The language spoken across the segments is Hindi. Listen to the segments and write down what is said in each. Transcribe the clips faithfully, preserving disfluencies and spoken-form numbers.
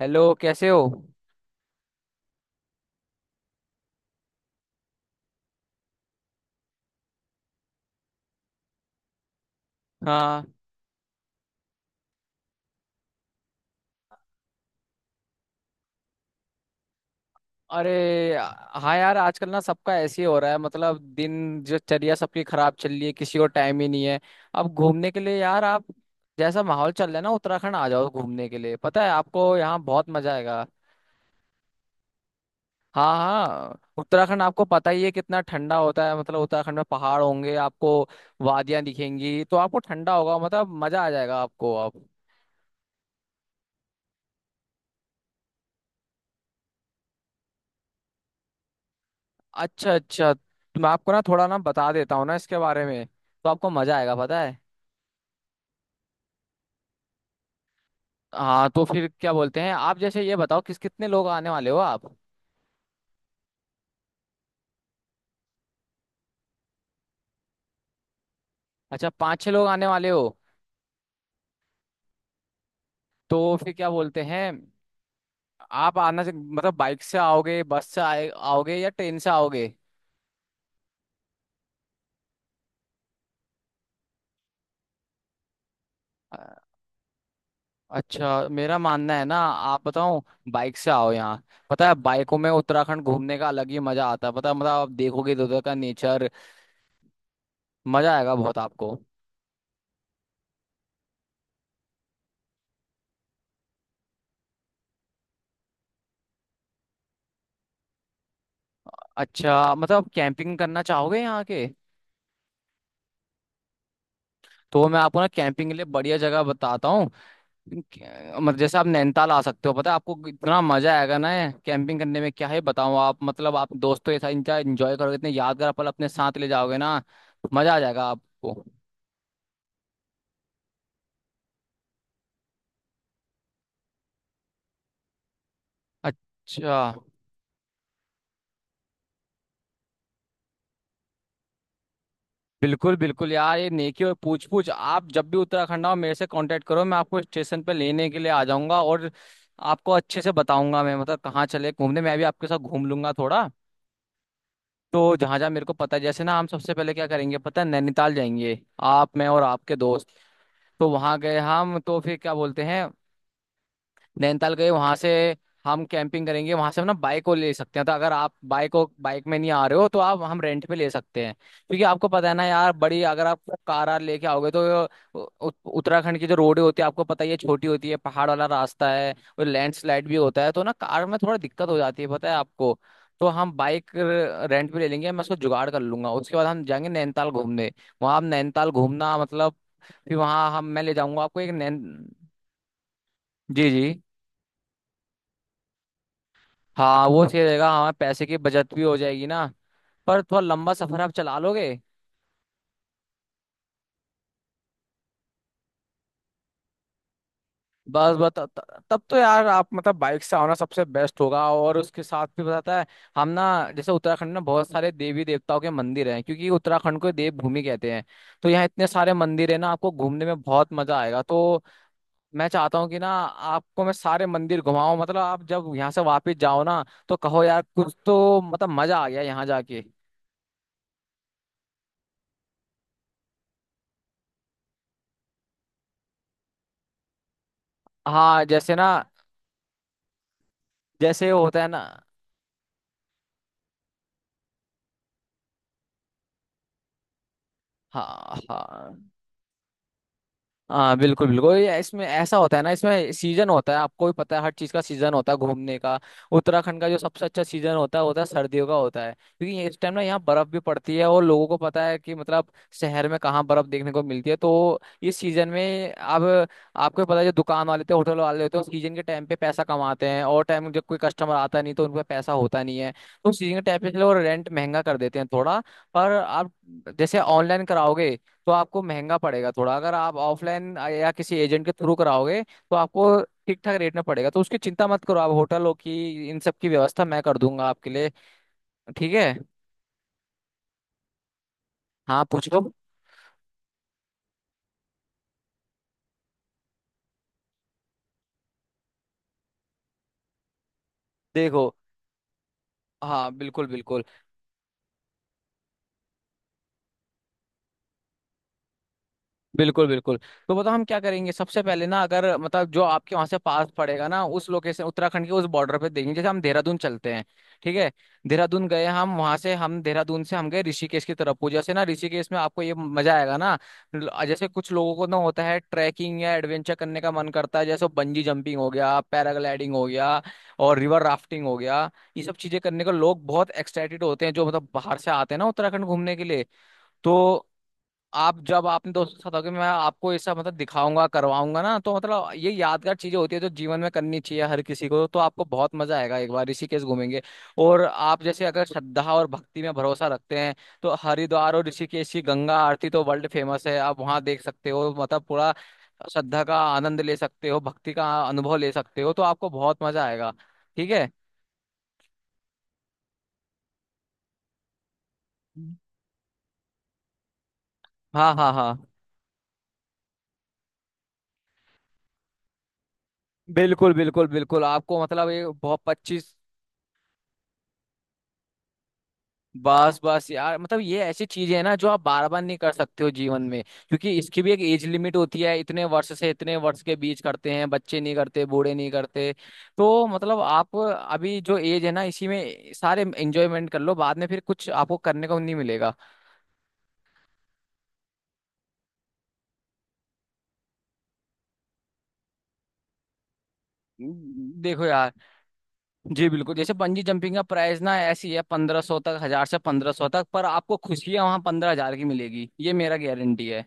हेलो, कैसे हो। हाँ। अरे, हाँ यार, आजकल ना सबका ऐसे ही हो रहा है, मतलब दिन जो चर्या सबकी खराब चल रही है, किसी को टाइम ही नहीं है। अब घूमने के लिए यार आप, जैसा माहौल चल रहा है ना, उत्तराखंड आ जाओ घूमने के लिए। पता है आपको, यहाँ बहुत मजा आएगा। हाँ हाँ, उत्तराखंड आपको पता ही है कितना ठंडा होता है, मतलब उत्तराखंड में पहाड़ होंगे, आपको वादियां दिखेंगी, तो आपको ठंडा होगा, मतलब मजा आ जाएगा आपको। अब, अच्छा अच्छा, तो मैं आपको ना थोड़ा ना बता देता हूँ ना इसके बारे में, तो आपको मजा आएगा, पता है। हाँ, तो फिर क्या बोलते हैं आप, जैसे ये बताओ किस कितने लोग आने वाले हो आप। अच्छा, पाँच छह लोग आने वाले हो। तो फिर क्या बोलते हैं आप, आना से- मतलब बाइक से आओगे, बस से आए आओगे, या ट्रेन से आओगे। अ- अच्छा, मेरा मानना है ना, आप बताओ, बाइक से आओ यहाँ। पता है, बाइकों में उत्तराखंड घूमने का अलग ही मजा आता है, पता है। मतलब आप देखोगे इधर उधर का नेचर, मजा आएगा बहुत आपको। अच्छा, मतलब आप कैंपिंग करना चाहोगे यहाँ के। तो मैं आपको ना कैंपिंग के लिए बढ़िया जगह बताता हूँ। क्या- मतलब जैसे आप नैनीताल आ सकते हो, पता है आपको इतना मजा आएगा ना। कैंपिंग करने में क्या है बताऊं आप, मतलब आप दोस्तों के साथ इंजॉय enjoy करोगे, इतने यादगार पल अपने साथ ले जाओगे ना। मजा आ जाएगा आपको। अच्छा, बिल्कुल बिल्कुल यार, ये नेकी और पूछ पूछ, आप जब भी उत्तराखंड आओ मेरे से कांटेक्ट करो, मैं आपको स्टेशन पे लेने के लिए आ जाऊंगा, और आपको अच्छे से बताऊंगा मैं, मतलब कहाँ चले घूमने, मैं भी आपके साथ घूम लूंगा थोड़ा। तो जहां जहां मेरे को पता है, जैसे ना हम सबसे पहले क्या करेंगे पता है, नैनीताल जाएंगे, आप, मैं और आपके दोस्त। तो वहां गए हम, तो फिर क्या बोलते हैं, नैनीताल गए, वहां से हम कैंपिंग करेंगे, वहां से हम ना बाइक को ले सकते हैं। तो अगर आप बाइक को, बाइक में नहीं आ रहे हो, तो आप, हम रेंट पे ले सकते हैं, क्योंकि आपको पता है ना यार, बड़ी अगर आप कार आर लेके आओगे तो उ- उ- उत्तराखंड की जो रोड होती है आपको पता ही है छोटी होती है, पहाड़ वाला रास्ता है और लैंडस्लाइड भी होता है, तो ना कार में थोड़ा दिक्कत हो जाती है, पता है आपको। तो हम बाइक रेंट पे ले लेंगे, मैं उसको जुगाड़ कर लूंगा। उसके बाद हम जाएंगे नैनीताल घूमने। वहां आप नैनीताल घूमना, मतलब फिर वहाँ हम, मैं ले जाऊंगा आपको एक नैन जी जी। हाँ वो सही रहेगा, हमारे पैसे की बचत भी हो जाएगी ना। पर थोड़ा लंबा सफर आप चला लोगे। बस बता, त- तब तो यार आप मतलब बाइक से आओना सबसे बेस्ट होगा, और उसके साथ भी बताता है हम ना, जैसे उत्तराखंड में बहुत सारे देवी देवताओं के मंदिर हैं क्योंकि उत्तराखंड को देव भूमि कहते हैं। तो यहाँ इतने सारे मंदिर है ना, आपको घूमने में बहुत मजा आएगा। तो मैं चाहता हूँ कि ना आपको मैं सारे मंदिर घुमाऊं, मतलब आप जब यहाँ से वापस जाओ ना, तो कहो यार कुछ तो, मतलब मजा आ गया यहाँ जाके। हाँ जैसे ना, जैसे होता है ना। हाँ हाँ हाँ, बिल्कुल बिल्कुल, ये इसमें ऐसा होता है ना, इसमें सीजन होता है, आपको भी पता है हर चीज का सीजन होता है घूमने का। उत्तराखंड का जो सबसे अच्छा सीजन होता है, होता है सर्दियों का होता है, क्योंकि इस टाइम ना यहाँ बर्फ भी पड़ती है, और लोगों को पता है कि मतलब शहर में कहाँ बर्फ देखने को मिलती है। तो इस सीजन में अब आपको पता है, जो दुकान वाले होते हैं, होटल वाले होते हैं, सीजन के टाइम पे पैसा कमाते हैं, और टाइम जब कोई कस्टमर आता नहीं तो उनका पैसा होता नहीं है। तो सीजन के टाइम पे चलो रेंट महंगा कर देते हैं थोड़ा। पर आप जैसे ऑनलाइन कराओगे, तो आपको महंगा पड़ेगा थोड़ा। अगर आप ऑफलाइन या किसी एजेंट के थ्रू कराओगे, तो आपको ठीक ठाक रेट में पड़ेगा। तो उसकी चिंता मत करो आप, होटलों की इन सब की व्यवस्था मैं कर दूंगा आपके लिए। ठीक है। हाँ, पूछो। देखो, हाँ बिल्कुल बिल्कुल, बिल्कुल बिल्कुल। तो बताओ हम क्या करेंगे सबसे पहले ना, अगर मतलब जो आपके वहां से पास पड़ेगा ना, उस लोकेशन उत्तराखंड के उस बॉर्डर पे देखेंगे। जैसे हम देहरादून चलते हैं, ठीक है। देहरादून गए हम, वहां से हम देहरादून से हम गए ऋषिकेश की तरफ को। जैसे ना, ऋषिकेश में आपको ये मजा आएगा ना, ल- जैसे कुछ लोगों को ना होता है ट्रैकिंग या एडवेंचर करने का मन करता है। जैसे बंजी जंपिंग हो गया, पैराग्लाइडिंग हो गया, और रिवर राफ्टिंग हो गया, ये सब चीजें करने को लोग बहुत एक्साइटेड होते हैं, जो मतलब बाहर से आते हैं ना उत्तराखंड घूमने के लिए। तो आप जब आपने दोस्तों के साथ होगे, मैं आपको ऐसा मतलब दिखाऊंगा, करवाऊंगा ना, तो मतलब ये यादगार चीजें होती है जो जीवन में करनी चाहिए हर किसी को, तो आपको बहुत मजा आएगा, एक बार ऋषिकेश घूमेंगे। और आप जैसे अगर श्रद्धा और भक्ति में भरोसा रखते हैं, तो हरिद्वार और ऋषिकेश की गंगा आरती तो वर्ल्ड फेमस है, आप वहां देख सकते हो, मतलब पूरा श्रद्धा का आनंद ले सकते हो, भक्ति का अनुभव ले सकते हो, तो आपको बहुत मजा आएगा। ठीक है। हाँ हाँ हाँ, बिल्कुल बिल्कुल बिल्कुल, आपको मतलब ये बहुत पच्चीस बस बस यार, मतलब ये ऐसी चीज है ना जो आप बार बार नहीं कर सकते हो जीवन में, क्योंकि इसकी भी एक एज लिमिट होती है, इतने वर्ष से इतने वर्ष के बीच करते हैं, बच्चे नहीं करते, बूढ़े नहीं करते। तो मतलब आप अभी जो एज है ना, इसी में सारे एंजॉयमेंट कर लो, बाद में फिर कुछ आपको करने को नहीं मिलेगा। देखो यार, जी बिल्कुल, जैसे बंजी जंपिंग का प्राइस ना ऐसी है पंद्रह सौ तक, हजार से पंद्रह सौ तक, पर आपको खुशियां वहां पंद्रह हजार की मिलेगी, ये मेरा गारंटी है।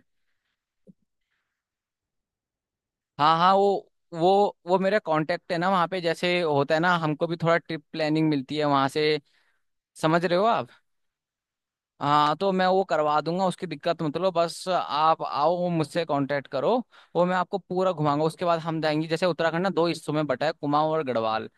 हाँ हाँ, वो वो वो मेरा कांटेक्ट है ना वहाँ पे, जैसे होता है ना, हमको भी थोड़ा ट्रिप प्लानिंग मिलती है वहाँ से। समझ रहे हो आप। हाँ, तो मैं वो करवा दूंगा, उसकी दिक्कत मत लो, बस आप आओ मुझसे कांटेक्ट करो, वो मैं आपको पूरा घुमाऊंगा। उसके बाद हम जाएंगे, जैसे उत्तराखंड ना दो हिस्सों में बटा है, कुमाऊं और गढ़वाल।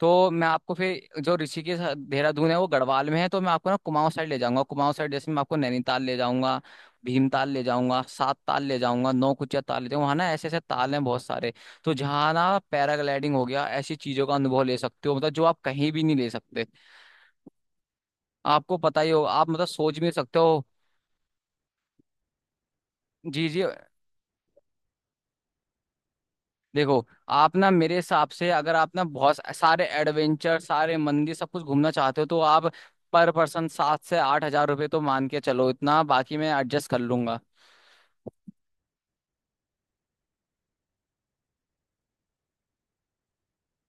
तो मैं आपको फिर, जो ऋषिकेश देहरादून है वो गढ़वाल में है, तो मैं आपको ना कुमाऊं साइड ले जाऊंगा। कुमाऊं साइड जैसे मैं आपको नैनीताल ले जाऊंगा, भीमताल ले जाऊंगा, सात ताल ले जाऊंगा, नौकुचिया ताल ले जाऊंगा। वहाँ ना ऐसे ऐसे ताल हैं बहुत सारे। तो जहाँ ना पैराग्लाइडिंग हो गया, ऐसी चीजों का अनुभव ले सकते हो, मतलब जो आप कहीं भी नहीं ले सकते, आपको पता ही होगा, आप मतलब सोच भी नहीं सकते हो। जी जी। देखो, आप ना मेरे हिसाब से, अगर आप ना बहुत सारे एडवेंचर, सारे मंदिर, सब कुछ घूमना चाहते हो, तो आप पर पर्सन सात से आठ हजार रुपये तो मान के चलो, इतना बाकी मैं एडजस्ट कर लूंगा।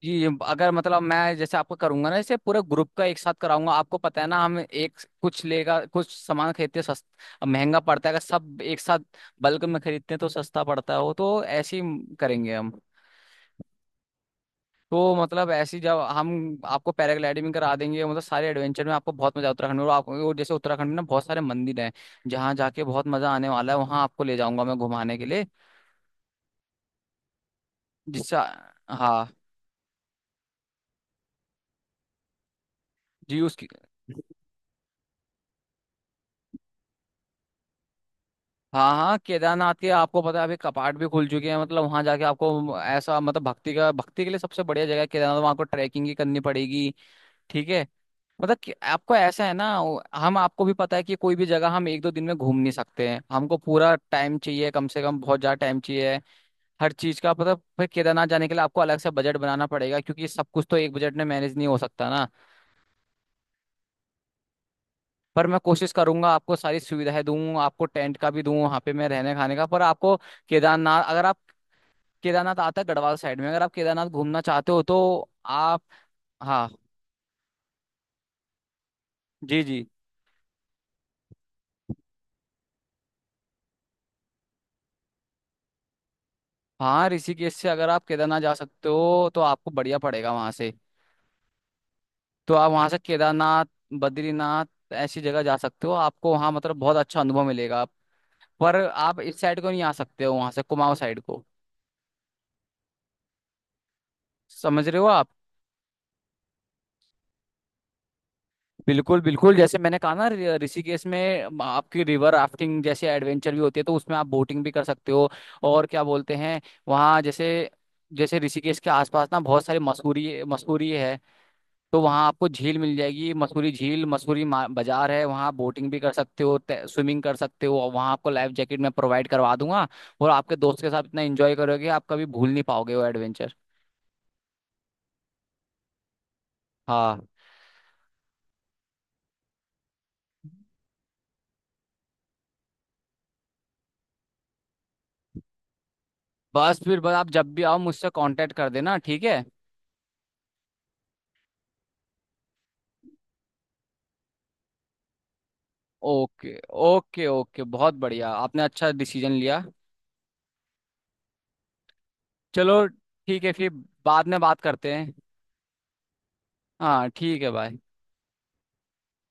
जी, अगर मतलब मैं जैसे आपको करूंगा ना, जैसे पूरा ग्रुप का एक साथ कराऊंगा, आपको पता है ना हम एक कुछ लेगा, कुछ सामान खरीदते सस्ता महंगा पड़ता है, अगर सब एक साथ बल्क में खरीदते हैं तो सस्ता पड़ता है, वो तो ऐसे ही करेंगे हम। तो मतलब ऐसी जब हम आपको पैराग्लाइडिंग करा देंगे, मतलब सारे एडवेंचर में आपको बहुत मजा उत्तराखंड में, और आपको और जैसे उत्तराखंड में ना बहुत सारे मंदिर हैं, जहाँ जाके बहुत मजा आने वाला है, वहाँ आपको ले जाऊंगा मैं घुमाने के लिए। जिससे। हाँ। जी उसकी। हाँ हाँ, केदारनाथ के आपको पता है अभी कपाट भी खुल चुके हैं, मतलब वहाँ जाके आपको ऐसा, मतलब भक्ति का, भक्ति के लिए सबसे बढ़िया जगह है केदारनाथ। वहाँ आपको ट्रैकिंग ही करनी पड़ेगी, ठीक है। मतलब कि आपको ऐसा है ना, वो- हम आपको भी पता है कि कोई भी जगह हम एक दो दिन में घूम नहीं सकते हैं, हमको पूरा टाइम चाहिए, कम से कम बहुत ज्यादा टाइम चाहिए हर चीज का। मतलब फिर केदारनाथ जाने के लिए आपको अलग से बजट बनाना पड़ेगा, क्योंकि सब कुछ तो एक बजट में मैनेज नहीं हो सकता ना। पर मैं कोशिश करूंगा आपको सारी सुविधाएं दूं, आपको टेंट का भी दूं वहां पे, मैं रहने खाने का, पर आपको केदारनाथ अगर आप, केदारनाथ आता है गढ़वाल साइड में। अगर आप केदारनाथ घूमना चाहते हो तो आप। हाँ। जी जी। हाँ, ऋषिकेश से अगर आप केदारनाथ जा सकते हो तो आपको बढ़िया पड़ेगा वहां से। तो आप वहां से केदारनाथ, बद्रीनाथ, ऐसी जगह जा सकते हो, आपको वहां मतलब बहुत अच्छा अनुभव मिलेगा। पर आप इस साइड को नहीं आ सकते हो वहां से, कुमाऊं साइड को। समझ रहे हो आप। बिल्कुल बिल्कुल, जैसे मैंने कहा ना, ऋ- ऋषिकेश में आपकी रिवर राफ्टिंग जैसे एडवेंचर भी होती है, तो उसमें आप बोटिंग भी कर सकते हो। और क्या बोलते हैं, वहाँ जैसे, जैसे ऋषिकेश के आसपास ना बहुत सारी मसूरी, मसूरी है, तो वहाँ आपको झील मिल जाएगी, मसूरी झील, मसूरी मा- बाजार है, वहाँ बोटिंग भी कर सकते हो, स्विमिंग कर सकते हो, और वहाँ आपको लाइफ जैकेट मैं प्रोवाइड करवा दूंगा। और आपके दोस्त के साथ इतना एंजॉय करोगे आप, कभी भूल नहीं पाओगे वो एडवेंचर। हाँ। बस फिर बस आप जब भी आओ मुझसे कांटेक्ट कर देना, ठीक है। ओके। ओके ओके, बहुत बढ़िया, आपने अच्छा डिसीजन लिया। चलो ठीक है फिर, बाद में बात करते हैं। हाँ ठीक है, बाय।